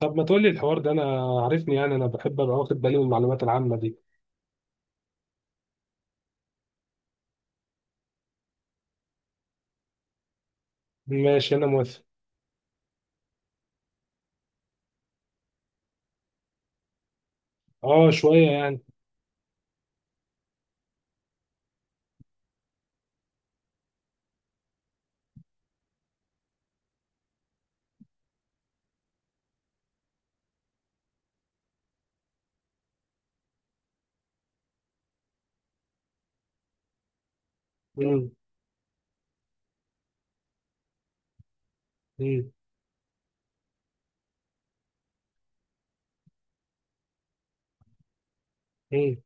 طب ما تقولي الحوار ده. انا عارفني، يعني انا بحب ابقى واخد بالي من المعلومات العامه دي. ماشي، انا موافق. اه، شويه يعني. مم. مم. مم.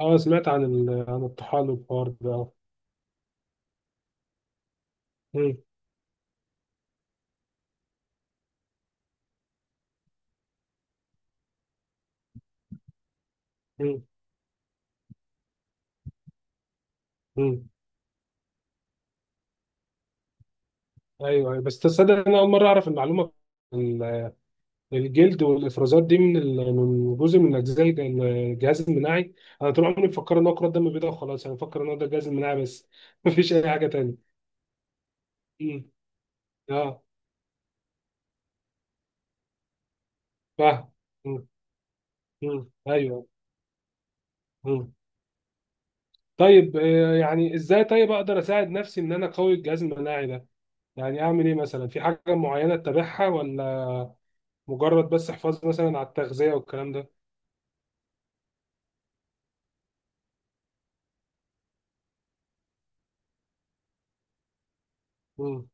اه، سمعت عن الطحال والحوار ده، اه. مم. مم. مم. ايوه ايوه، بس تصدق انا اول مره اعرف المعلومه. ال- الجلد والافرازات دي من جزء من اجزاء الجهاز المناعي. انا طول عمري مفكر ان هو كرات دم بيضاء وخلاص، انا مفكر ان هو ده الجهاز المناعي بس مفيش اي حاجه تانية. مم. اه، فاهم. مم. مم. ايوه. مم. طيب، يعني ازاي طيب اقدر اساعد نفسي ان انا اقوي الجهاز المناعي ده؟ يعني اعمل ايه مثلا؟ في حاجه معينه اتبعها ولا مجرد بس حفاظ مثلا على التغذيه والكلام ده؟ امم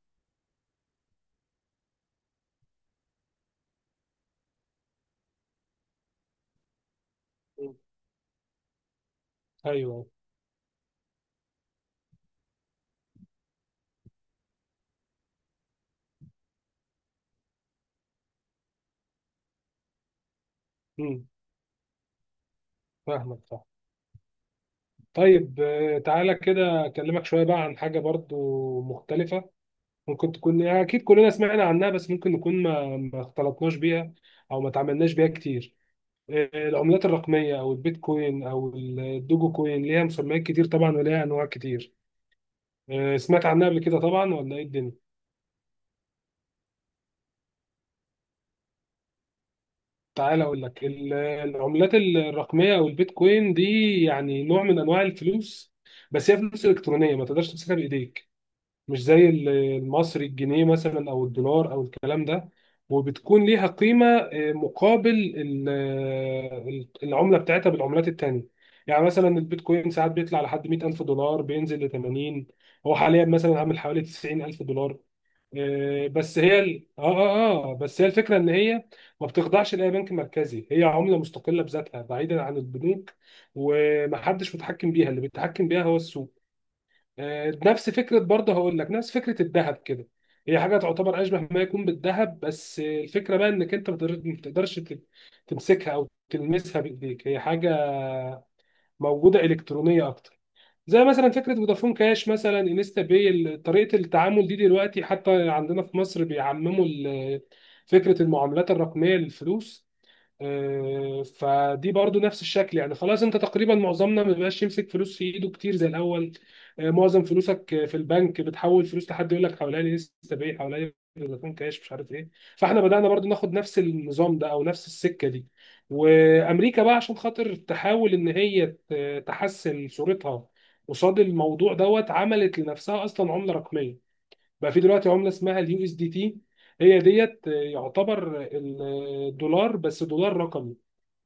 ايوه. امم فاهمك، صح. طيب، تعالى كده اكلمك شويه بقى عن حاجه برضو مختلفه. ممكن تكون، يعني اكيد كلنا سمعنا عنها بس ممكن نكون ما اختلطناش بيها او ما تعاملناش بيها كتير. العملات الرقميه او البيتكوين او الدوجو كوين ليها مسميات كتير طبعا، وليها انواع كتير. سمعت عنها قبل كده طبعا، ولا ايه الدنيا؟ تعال اقول لك العملات الرقميه او البيتكوين دي، يعني نوع من انواع الفلوس. بس هي فلوس الكترونيه، ما تقدرش تمسكها بايديك. مش زي المصري، الجنيه مثلا او الدولار او الكلام ده. وبتكون ليها قيمه مقابل العمله بتاعتها بالعملات التانيه. يعني مثلا البيتكوين ساعات بيطلع لحد $100,000، بينزل ل 80، هو حاليا مثلا عامل حوالي $90,000. بس هي ال... اه اه اه بس هي الفكره ان هي ما بتخضعش لاي بنك مركزي، هي عمله مستقله بذاتها بعيدا عن البنوك. ومحدش متحكم بيها، اللي بيتحكم بيها هو السوق. نفس فكره، برضه هقول لك نفس فكره الذهب كده. هي حاجه تعتبر اشبه ما يكون بالذهب، بس الفكره بقى انك انت ما بتقدرش تمسكها او تلمسها بايديك. هي حاجه موجوده الكترونيه اكتر. زي مثلا فكره فودافون كاش، مثلا انستا باي، طريقه التعامل دي دلوقتي حتى عندنا في مصر بيعمموا فكره المعاملات الرقميه للفلوس. فدي برضو نفس الشكل، يعني خلاص انت تقريبا معظمنا ما بقاش يمسك فلوس في ايده كتير زي الاول. معظم فلوسك في البنك، بتحول فلوس لحد يقول لك حوالي لي لسه باقي، حوالي فودافون كاش، مش عارف ايه. فاحنا بدأنا برضو ناخد نفس النظام ده او نفس السكة دي. وامريكا بقى عشان خاطر تحاول ان هي تحسن صورتها قصاد الموضوع دوت، عملت لنفسها اصلا عملة رقمية. بقى في دلوقتي عمله اسمها اليو اس دي تي، هي ديت يعتبر الدولار، بس دولار رقمي.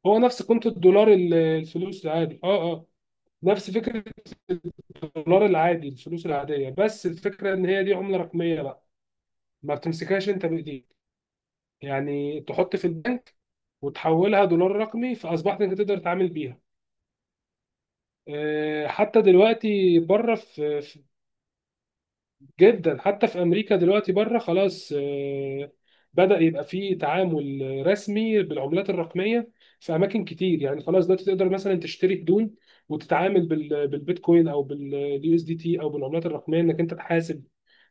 هو نفس قيمه الدولار، الفلوس العادي، اه اه. نفس فكره الدولار العادي، الفلوس العاديه، بس الفكره ان هي دي عمله رقميه بقى. ما بتمسكهاش انت بايديك. يعني تحط في البنك وتحولها دولار رقمي، فاصبحت انت تقدر تتعامل بيها. حتى دلوقتي بره في جدا، حتى في امريكا دلوقتي بره خلاص، بدأ يبقى فيه تعامل رسمي بالعملات الرقميه في اماكن كتير. يعني خلاص دلوقتي تقدر مثلا تشتري هدوم وتتعامل بالبيتكوين او باليو اس دي تي او بالعملات الرقميه، انك انت تحاسب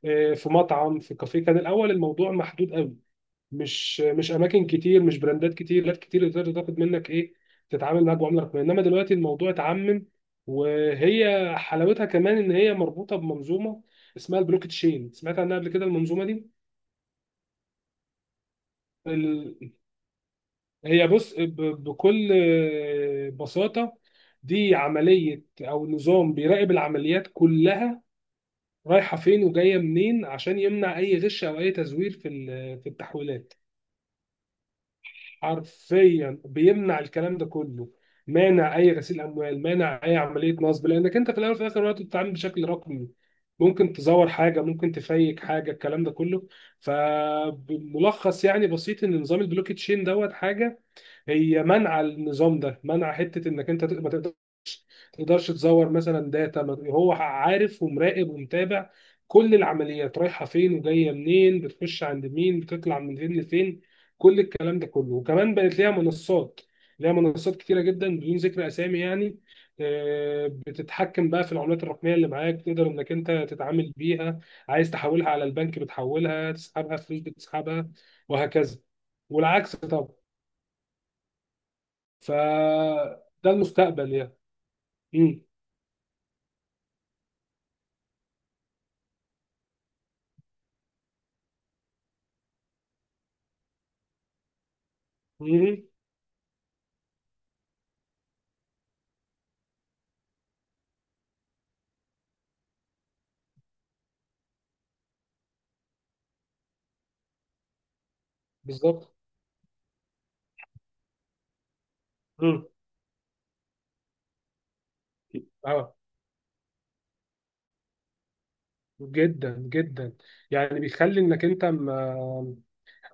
في مطعم، في كافيه. كان الاول الموضوع محدود قوي، مش اماكن كتير، مش براندات كتير، لات كتير اللي تقدر تاخد منك ايه، تتعامل معاك بعمله رقميه. انما دلوقتي الموضوع اتعمم. وهي حلاوتها كمان ان هي مربوطه بمنظومه اسمها البلوك تشين، سمعت عنها قبل كده المنظومه دي؟ ال- هي بص، بكل بساطه، دي عمليه او نظام بيراقب العمليات كلها، رايحه فين وجايه منين، عشان يمنع اي غش او اي تزوير في التحويلات. حرفيا بيمنع الكلام ده كله، مانع اي غسيل اموال، مانع اي عمليه نصب، لانك انت في الاول وفي الاخر وقت بتتعامل بشكل رقمي. ممكن تزور حاجه، ممكن تفيك حاجه، الكلام ده كله. فبملخص يعني بسيط، ان نظام البلوك تشين دوت حاجه هي منع. النظام ده منع حته انك انت ما تقدرش تزور مثلا داتا، هو عارف ومراقب ومتابع كل العمليات، رايحه فين وجايه منين، بتخش عند مين، بتطلع من فين لفين، كل الكلام ده كله. وكمان بقت ليها منصات، ليها منصات كتيره جدا بدون ذكر اسامي يعني. بتتحكم بقى في العملات الرقميه اللي معاك، تقدر انك انت تتعامل بيها. عايز تحولها على البنك بتحولها، تسحبها فلوس بتسحبها، وهكذا. والعكس طبعا. فده المستقبل يعني. مم. مم. بالظبط. مم. اه، جدا جدا. يعني بيخلي انك انت، ما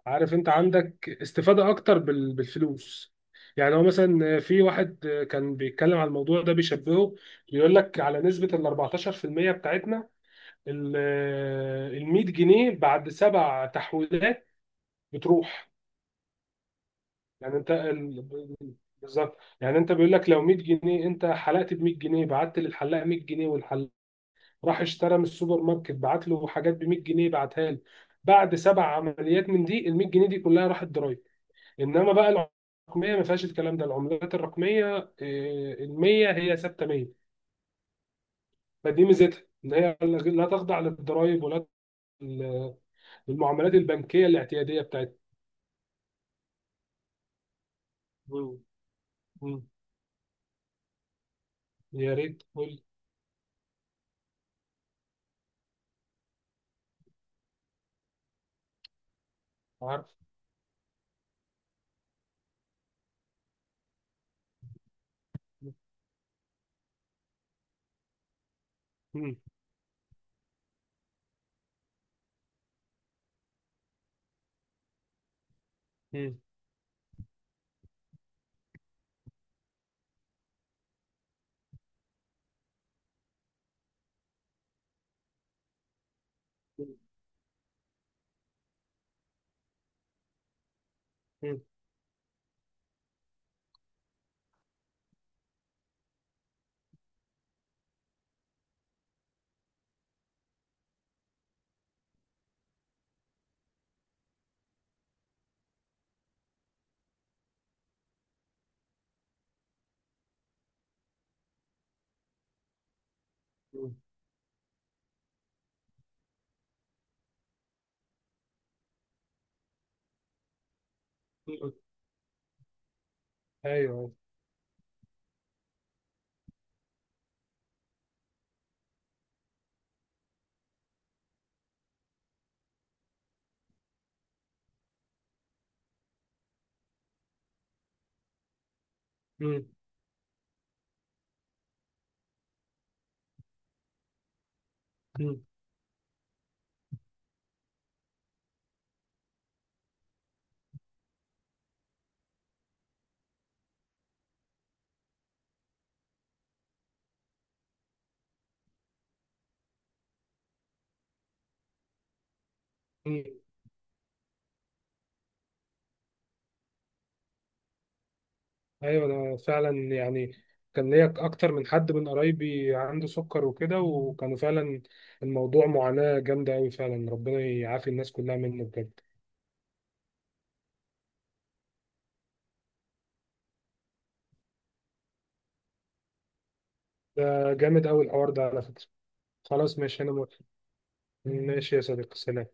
عارف، انت عندك استفادة اكتر بالفلوس. يعني هو مثلا في واحد كان بيتكلم على الموضوع ده، بيشبهه، بيقول لك على نسبة ال 14% بتاعتنا، ال 100 جنيه بعد سبع تحويلات بتروح. يعني انت بالظبط، يعني انت بيقول لك لو 100 جنيه، انت حلقت ب 100 جنيه، بعت للحلاق 100 جنيه، والحلاق راح اشترى من السوبر ماركت، بعت له حاجات ب 100 جنيه بعتها له، بعد سبع عمليات من دي ال 100 جنيه دي كلها راحت ضرايب. انما بقى الرقميه ما فيهاش الكلام ده، العملات الرقميه، اه، ال 100 هي ثابته 100. فدي ميزتها ان هي لا تخضع للضرايب ولا للمعاملات البنكيه الاعتياديه بتاعتها. مم. مم. يا ريت قول. عارف. مم. مم. مم. مم. مم. ايوه. مم. مم. مم. ايوه، انا فعلا يعني كان ليا اكتر من حد من قرايبي عنده سكر وكده، وكانوا فعلا الموضوع معاناة جامدة قوي، فعلا ربنا يعافي الناس كلها منه بجد. ده جامد قوي الحوار ده على فكرة. خلاص، ماشي، انا موافق. ماشي يا صديقي، سلام.